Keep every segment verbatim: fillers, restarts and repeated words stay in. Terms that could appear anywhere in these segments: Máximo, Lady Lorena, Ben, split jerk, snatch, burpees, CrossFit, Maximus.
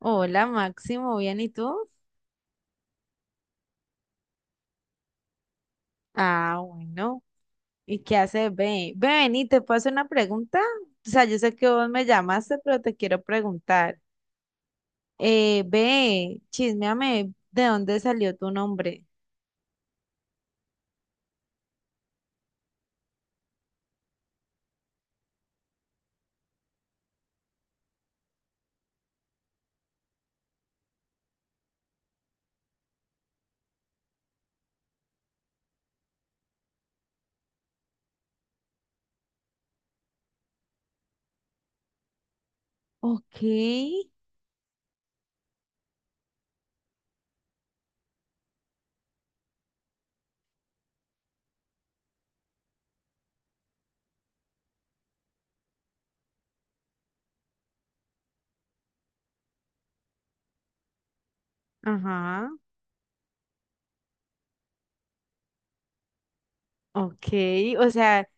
Hola Máximo, ¿bien y tú? Ah, bueno. ¿Y qué haces, Ben? Ben, y te puedo hacer una pregunta. O sea, yo sé que vos me llamaste, pero te quiero preguntar. Eh, ve, chisméame, ¿de dónde salió tu nombre? Ok, ajá, ok, o sea,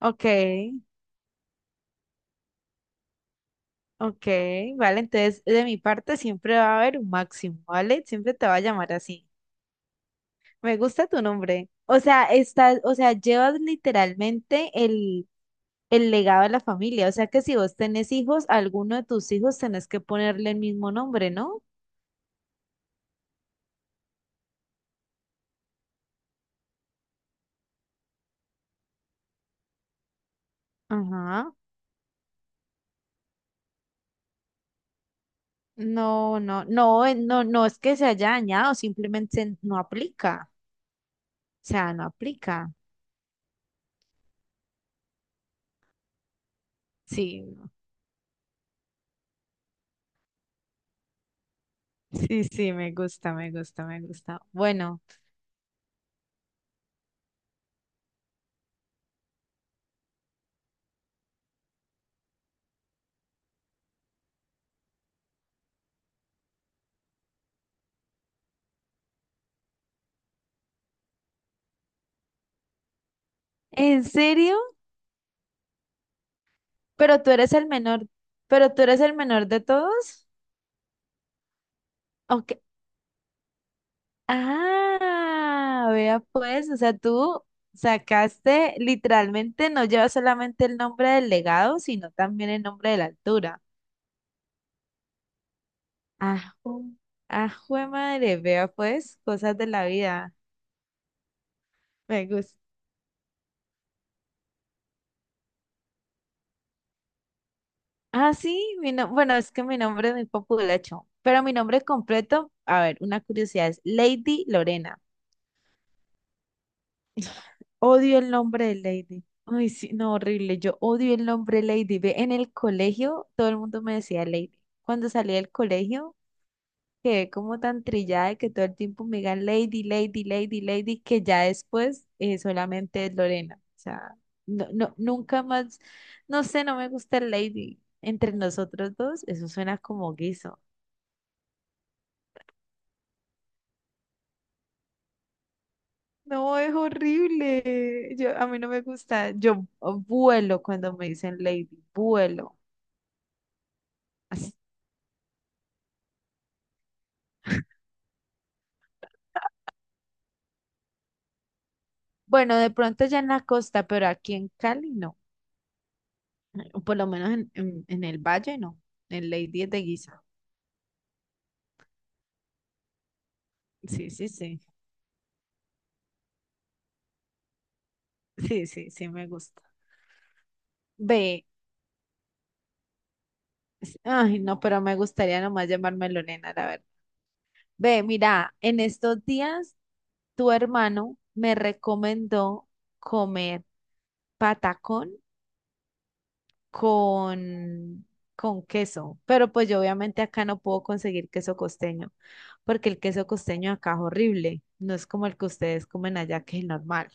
ok, ok, vale, entonces de mi parte siempre va a haber un Máximo, ¿vale? Siempre te va a llamar así. Me gusta tu nombre. O sea, estás, o sea, llevas literalmente el el legado de la familia. O sea que si vos tenés hijos, a alguno de tus hijos tenés que ponerle el mismo nombre, ¿no? Ajá. No, no, no, eh, no, no es que se haya dañado, simplemente no aplica. O sea, no aplica. Sí, no. Sí, sí, me gusta, me gusta, me gusta. Bueno, ¿en serio? Pero tú eres el menor, pero tú eres el menor de todos. Ok, ah, vea pues, o sea, tú sacaste literalmente, no lleva solamente el nombre del legado, sino también el nombre de la altura. Ah, ju- ah, jue madre, vea pues, cosas de la vida. Me gusta. Ah, sí, mi no- bueno, es que mi nombre es muy populacho, pero mi nombre completo, a ver, una curiosidad, es Lady Lorena. Odio el nombre de Lady. Ay, sí, no, horrible. Yo odio el nombre Lady. Ve, en el colegio todo el mundo me decía Lady. Cuando salí del colegio quedé como tan trillada de que todo el tiempo me digan Lady, Lady, Lady, Lady, que ya después eh, solamente es Lorena. O sea, no, no, nunca más, no sé, no me gusta el Lady. Entre nosotros dos, eso suena como guiso. No, es horrible. Yo, a mí no me gusta. Yo oh, vuelo cuando me dicen Lady, vuelo. Así. Bueno, de pronto ya en la costa, pero aquí en Cali no. O por lo menos en, en- en el valle no. En Lady es de guisa. Sí, sí, sí. Sí, sí, sí, me gusta. Ve, s- ay, no, pero me gustaría nomás llamarme Lorena, la verdad. Ve, mira, en estos días tu hermano me recomendó comer patacón con, con queso, pero pues yo obviamente acá no puedo conseguir queso costeño, porque el queso costeño acá es horrible, no es como el que ustedes comen allá, que es normal.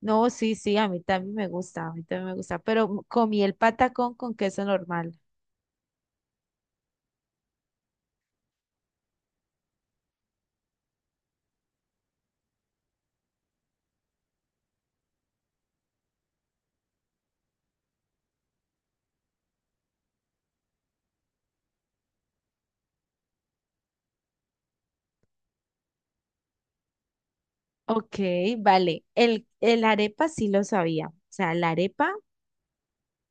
No, sí, sí, a mí también me gusta, a mí también me gusta, pero comí el patacón con queso normal. Ok, vale. El, el arepa sí lo sabía. O sea, la arepa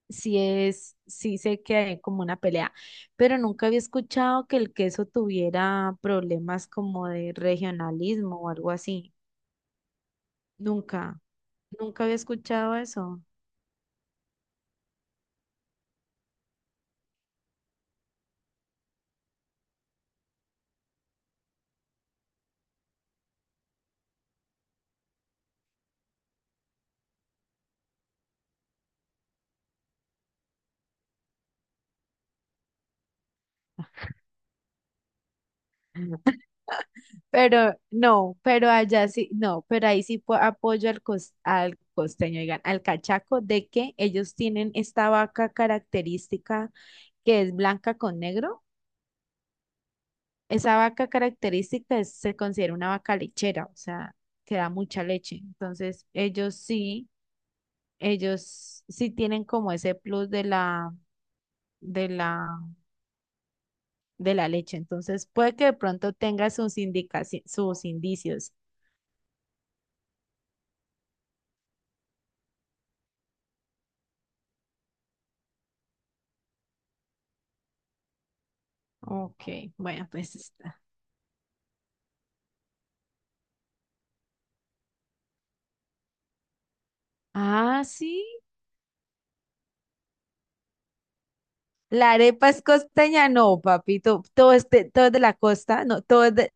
sí es, sí sé que hay como una pelea, pero nunca había escuchado que el queso tuviera problemas como de regionalismo o algo así. Nunca, nunca había escuchado eso. Pero no, pero allá sí, no, pero ahí sí po- apoyo al, cos- al costeño, digan, al cachaco, de que ellos tienen esta vaca característica que es blanca con negro. Esa vaca característica es- se considera una vaca lechera, o sea, que da mucha leche. Entonces, ellos sí, ellos sí tienen como ese plus de la, de la de la leche. Entonces, puede que de pronto tenga sus indicaci- sus indicios. Ok, bueno, pues está. Ah, sí. La arepa es costeña, no, papito. Todo es de, todo es de la costa, no, todo es de,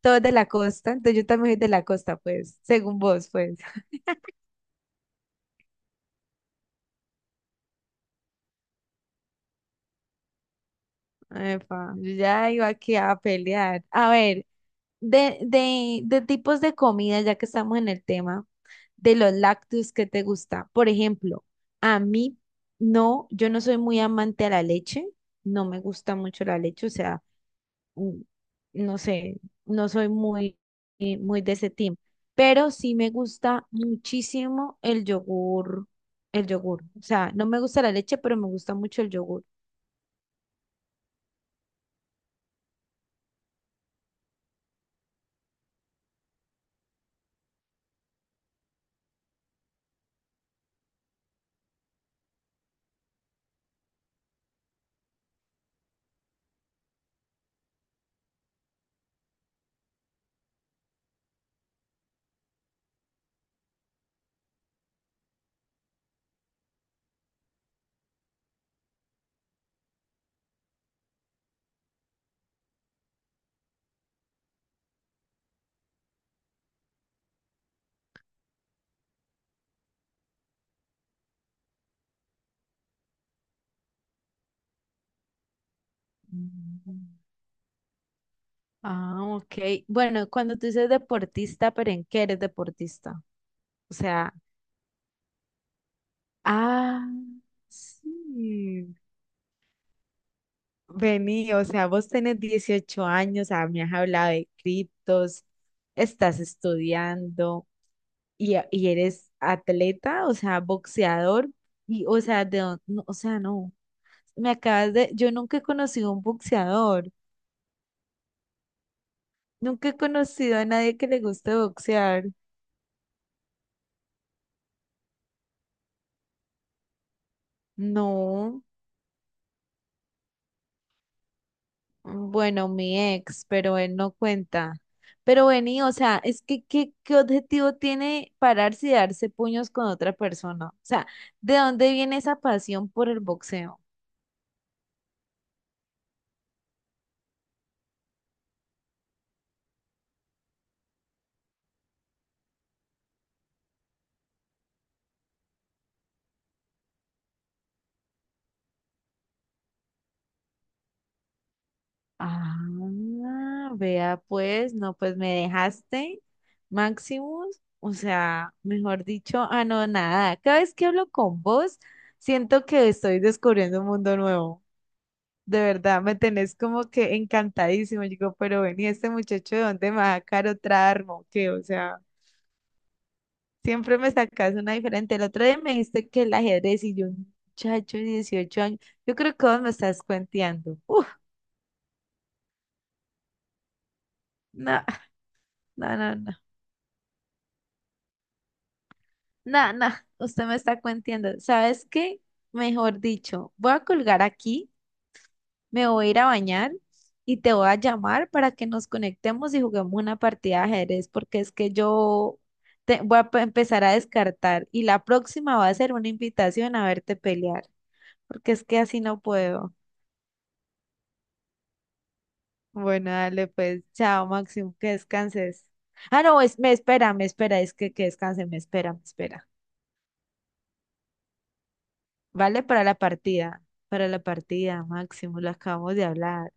todo es de la costa. Entonces yo también soy de la costa, pues, según vos, pues. Epa. Yo ya iba aquí a pelear. A ver, de, de, de tipos de comida, ya que estamos en el tema, de los lácteos que te gusta. Por ejemplo, a mí no, yo no soy muy amante a la leche, no me gusta mucho la leche, o sea, mm, no sé, no soy muy, eh, muy de ese team, pero sí me gusta muchísimo el yogur, el yogur. O sea, no me gusta la leche, pero me gusta mucho el yogur. Mm. Ah, ok. Bueno, cuando tú dices deportista, ¿pero en qué eres deportista? O sea, ah, sí. Vení, o sea, vos tenés dieciocho años, ah, me has hablado de criptos, estás estudiando y, y eres atleta, o sea, boxeador, y, o sea, de, dó- no, o sea, no, me acabas de, yo nunca he conocido a un boxeador, nunca he conocido a nadie que le guste boxear, no. Bueno, mi ex, pero él no cuenta. Pero vení, o sea, es que ¿qué, qué objetivo tiene pararse y darse puños con otra persona? O sea, ¿de dónde viene esa pasión por el boxeo? Ah, vea pues, no, pues me dejaste, Maximus, o sea, mejor dicho, ah, no, nada, cada vez que hablo con vos, siento que estoy descubriendo un mundo nuevo. De verdad, me tenés como que encantadísimo. Yo digo, pero ven, ¿y este muchacho de dónde me va a sacar otra arma o qué? O sea, siempre me sacas una diferente. El otro día me dijiste que el ajedrez y yo, muchacho, de dieciocho años, yo creo que vos me estás cuenteando. Uf, no, no, no, no, no, no, usted me está cuenteando. ¿Sabes qué? Mejor dicho, voy a colgar aquí me voy a ir a bañar y te voy a llamar para que nos conectemos y juguemos una partida de ajedrez, porque es que yo te- voy a pe- empezar a descartar y la próxima va a ser una invitación a verte pelear, porque es que así no puedo. Bueno, dale pues, chao Máximo, que descanses. Ah, no, es, me espera, me espera, es que que descanse, me espera, me espera. Vale, para la partida, para la partida, Máximo, lo acabamos de hablar.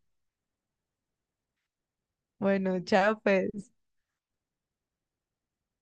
Bueno, chao, pues.